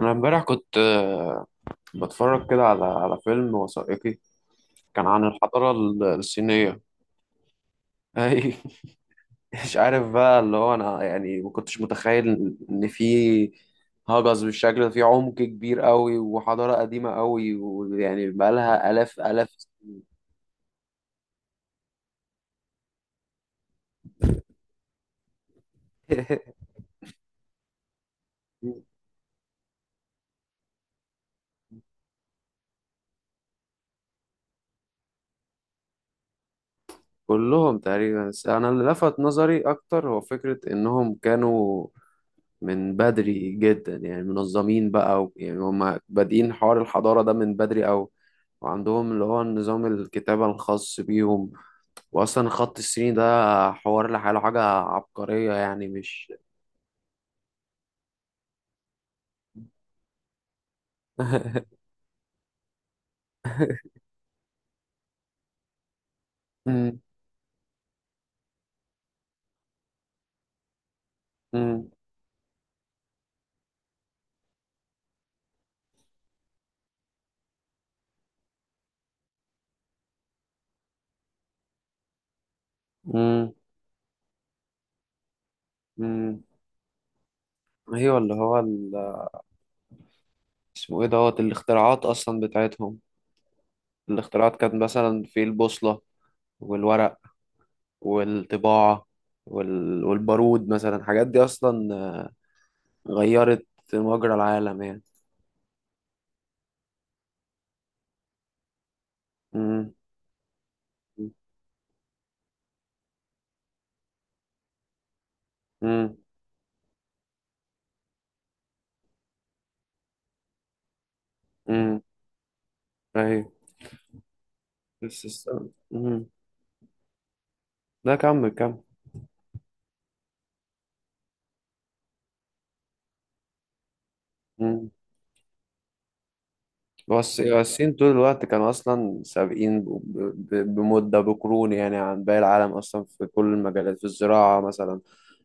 أنا امبارح كنت بتفرج كده على فيلم وثائقي كان عن الحضارة الصينية. أي. مش عارف بقى اللي هو أنا يعني ما كنتش متخيل إن في هجس بالشكل ده في عمق كبير قوي وحضارة قديمة قوي، ويعني بقالها آلاف آلاف. كلهم تقريبا، بس أنا اللي لفت نظري أكتر هو فكرة إنهم كانوا من بدري جدا، يعني منظمين بقى يعني هم بادئين حوار الحضارة ده من بدري أوي، وعندهم اللي هو نظام الكتابة الخاص بيهم، وأصلا خط الصيني ده حوار لحاله حاجة عبقرية يعني مش... مم. مم. مم. مم. أيوة اللي هو ال... اسمه إيه دوت الاختراعات أصلا بتاعتهم. الاختراعات كانت مثلا في البوصلة، والورق، والطباعة، وال... والبارود مثلا، الحاجات دي أصلا غيرت مجرى العالم يعني. مم. مم. مم. أيوه، بس الس- مم. لا، كمل كمل. بس الصين طول الوقت كانوا أصلا سابقين بمدة بقرون يعني عن باقي العالم أصلا، في كل المجالات، في الزراعة مثلا،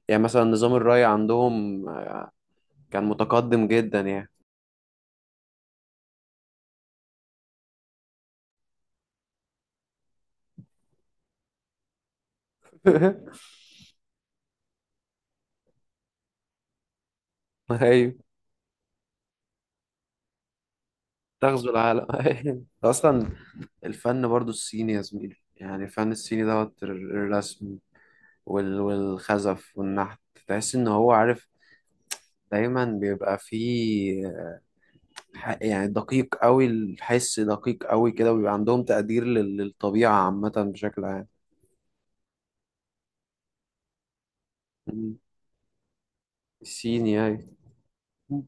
يعني مثلا نظام الري عندهم كان متقدم جدا يعني. أيوة، تغزو العالم. أيوة. أصلا الفن برضو الصيني يا زميلي، يعني الفن الصيني دوت الرسم والخزف والنحت، تحس إن هو عارف، دايما بيبقى فيه يعني دقيق قوي، الحس دقيق قوي كده، وبيبقى عندهم تقدير للطبيعة عامة بشكل عام. مم. الصيني أي. مم.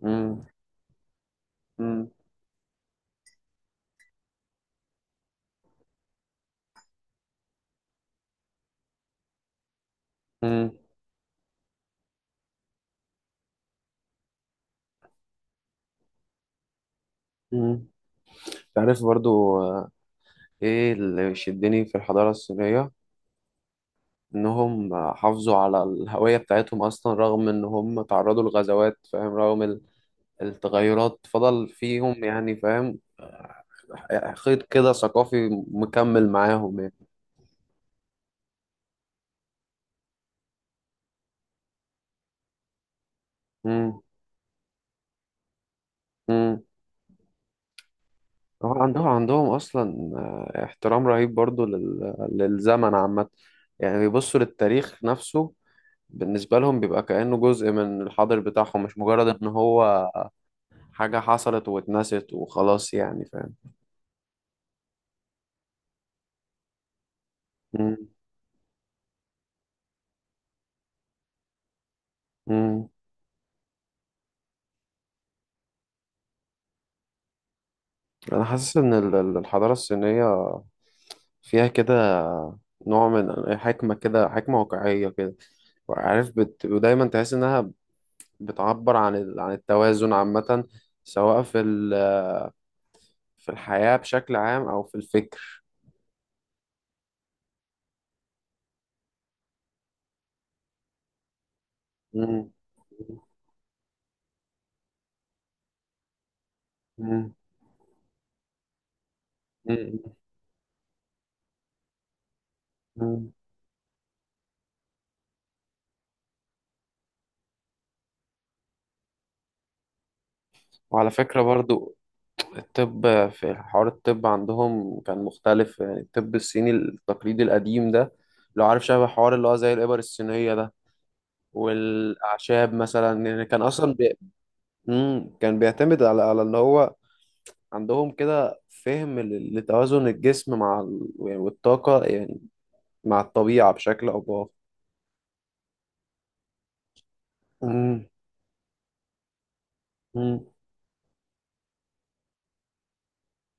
مم. مم. مم. مم. تعرف برضو إيه اللي شدني في الحضارة الصينية؟ إنهم حافظوا على الهوية بتاعتهم أصلا، رغم إن هم تعرضوا لغزوات فاهم، رغم التغيرات فضل فيهم يعني فاهم، خيط كده ثقافي مكمل معاهم يعني. مم. مم. هو عندهم اصلا احترام رهيب برضو لل... للزمن عامه، يعني بيبصوا للتاريخ نفسه، بالنسبه لهم بيبقى كانه جزء من الحاضر بتاعهم، مش مجرد ان هو حاجه حصلت واتنست وخلاص يعني فاهم. مم. مم. انا حاسس ان الحضاره الصينيه فيها كده نوع من حكمه، كده حكمه واقعيه كده، عارف بت... ودايما تحس انها بتعبر عن ال... عن التوازن عامه، سواء في ال... في الحياة بشكل عام أو في الفكر. مم. مم. مم. مم. وعلى فكرة برضو الطب، في حوار الطب عندهم كان مختلف، يعني الطب الصيني التقليدي القديم ده لو عارف، شبه حوار اللي هو زي الإبر الصينية ده والأعشاب مثلا، يعني كان أصلا بي... مم. كان بيعتمد على إن هو عندهم كده فهم لتوازن الجسم مع ال... يعني والطاقة يعني، مع الطبيعة بشكل أو بآخر. مم.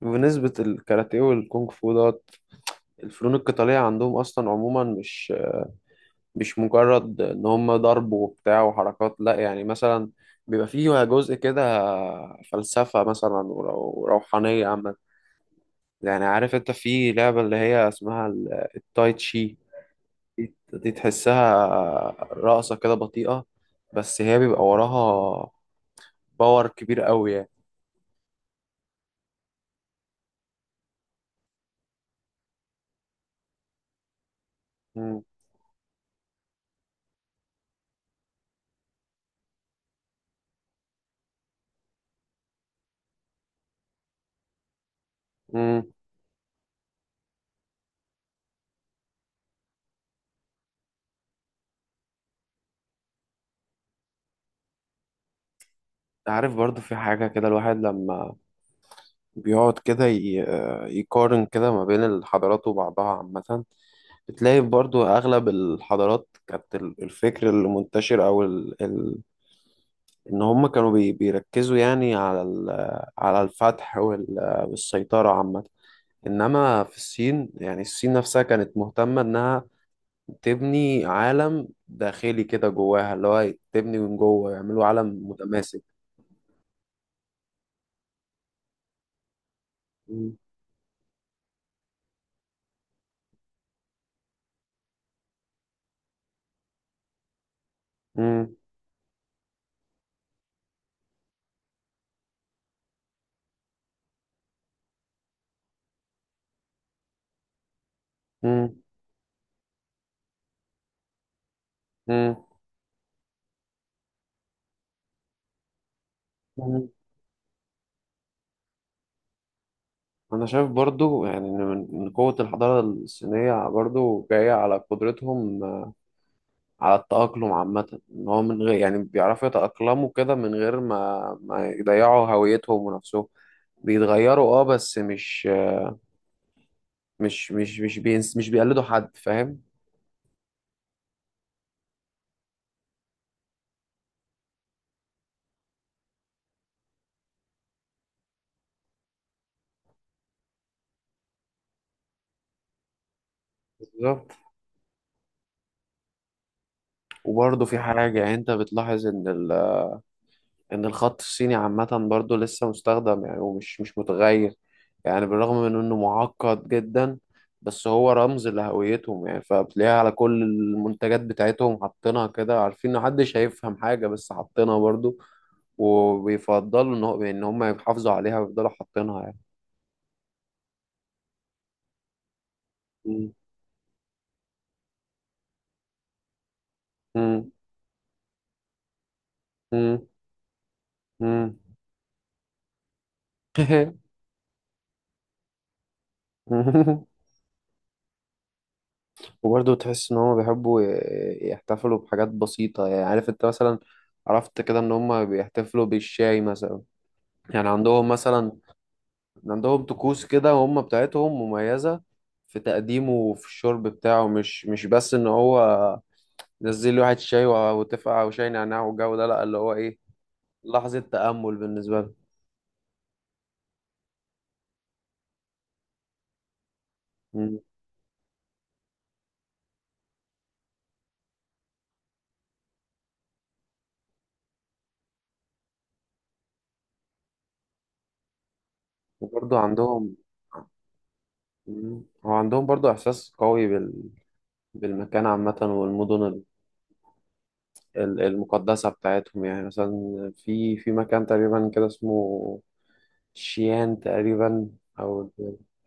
بنسبة الكاراتيه والكونغ فو دوت الفنون القتالية عندهم أصلا عموما، مش مجرد إن هم ضرب وبتاع وحركات، لأ، يعني مثلا بيبقى فيه جزء كده فلسفة مثلا وروحانية عامة. يعني عارف أنت في لعبة اللي هي اسمها التاي تشي، دي تحسها رقصة كده بطيئة، بس هي بيبقى وراها باور كبير قوي يعني. مم. مم. عارف برضو في حاجة كده، الواحد لما بيقعد كده يقارن كده ما بين الحضارات وبعضها عامة، بتلاقي برضو أغلب الحضارات كانت الفكر اللي منتشر أو ال... ال... إن هم كانوا بي... بيركزوا يعني على ال... على الفتح وال... والسيطرة عامة، إنما في الصين، يعني الصين نفسها كانت مهتمة إنها تبني عالم داخلي كده جواها، اللي هو تبني من جوه يعملوا عالم متماسك. مم. مم. مم. مم. أنا شايف برضو يعني إن إن قوة الحضارة الصينية برضو جاية على قدرتهم على التأقلم عامة، إن هو من غير يعني بيعرفوا يتأقلموا كده من غير ما يضيعوا هويتهم ونفسهم، بيتغيروا اه بس مش مش بينس، مش بيقلدوا حد فاهم. بالظبط. وبرضه في حاجة يعني انت بتلاحظ ان الخط الصيني عامة برضو لسه مستخدم يعني، ومش مش متغير، يعني بالرغم من انه معقد جدا، بس هو رمز لهويتهم يعني، فبتلاقيها على كل المنتجات بتاعتهم حاطينها كده، عارفين ان محدش هيفهم حاجة بس حاطينها برضو، وبيفضلوا ان هو ان هم يحافظوا عليها ويفضلوا حاطينها يعني. مم. مم. مم. مم. وبرضه تحس ان هم بيحبوا يحتفلوا بحاجات بسيطة يعني، عارف انت مثلا عرفت كده ان هم بيحتفلوا بالشاي مثلا، يعني عندهم مثلا عندهم طقوس كده هم بتاعتهم مميزة في تقديمه وفي الشرب بتاعه، مش بس ان هو نزل لي واحد شاي وتفقع وشاي نعناع والجو ده، لا اللي هو ايه، لحظة تأمل بالنسبة لهم. مم. وبرضه عندهم. مم. هو عندهم برضه إحساس قوي بال... بالمكان عامة والمدن المقدسة بتاعتهم، يعني مثلا في مكان تقريبا كده اسمه شيان تقريبا، أو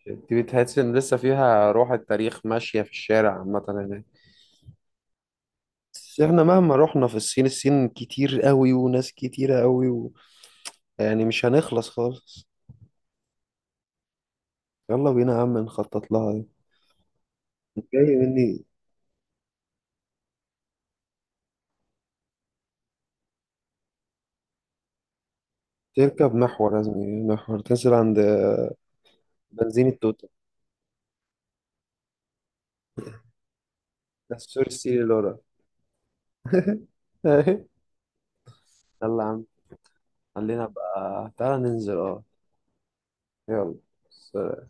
دي بتحس إن لسه فيها روح التاريخ ماشية في الشارع عامة هناك. بس احنا مهما رحنا في الصين، الصين كتير قوي وناس كتيرة قوي و... يعني مش هنخلص خالص. يلا بينا يا عم نخطط لها. جاي مني. تركب محور، لازم يعني محور تنزل عند بنزين التوتال، ده السور السيري اللي ورا. يلا يا عم. خلينا بقى، تعالى ننزل اه. يلا. سلام.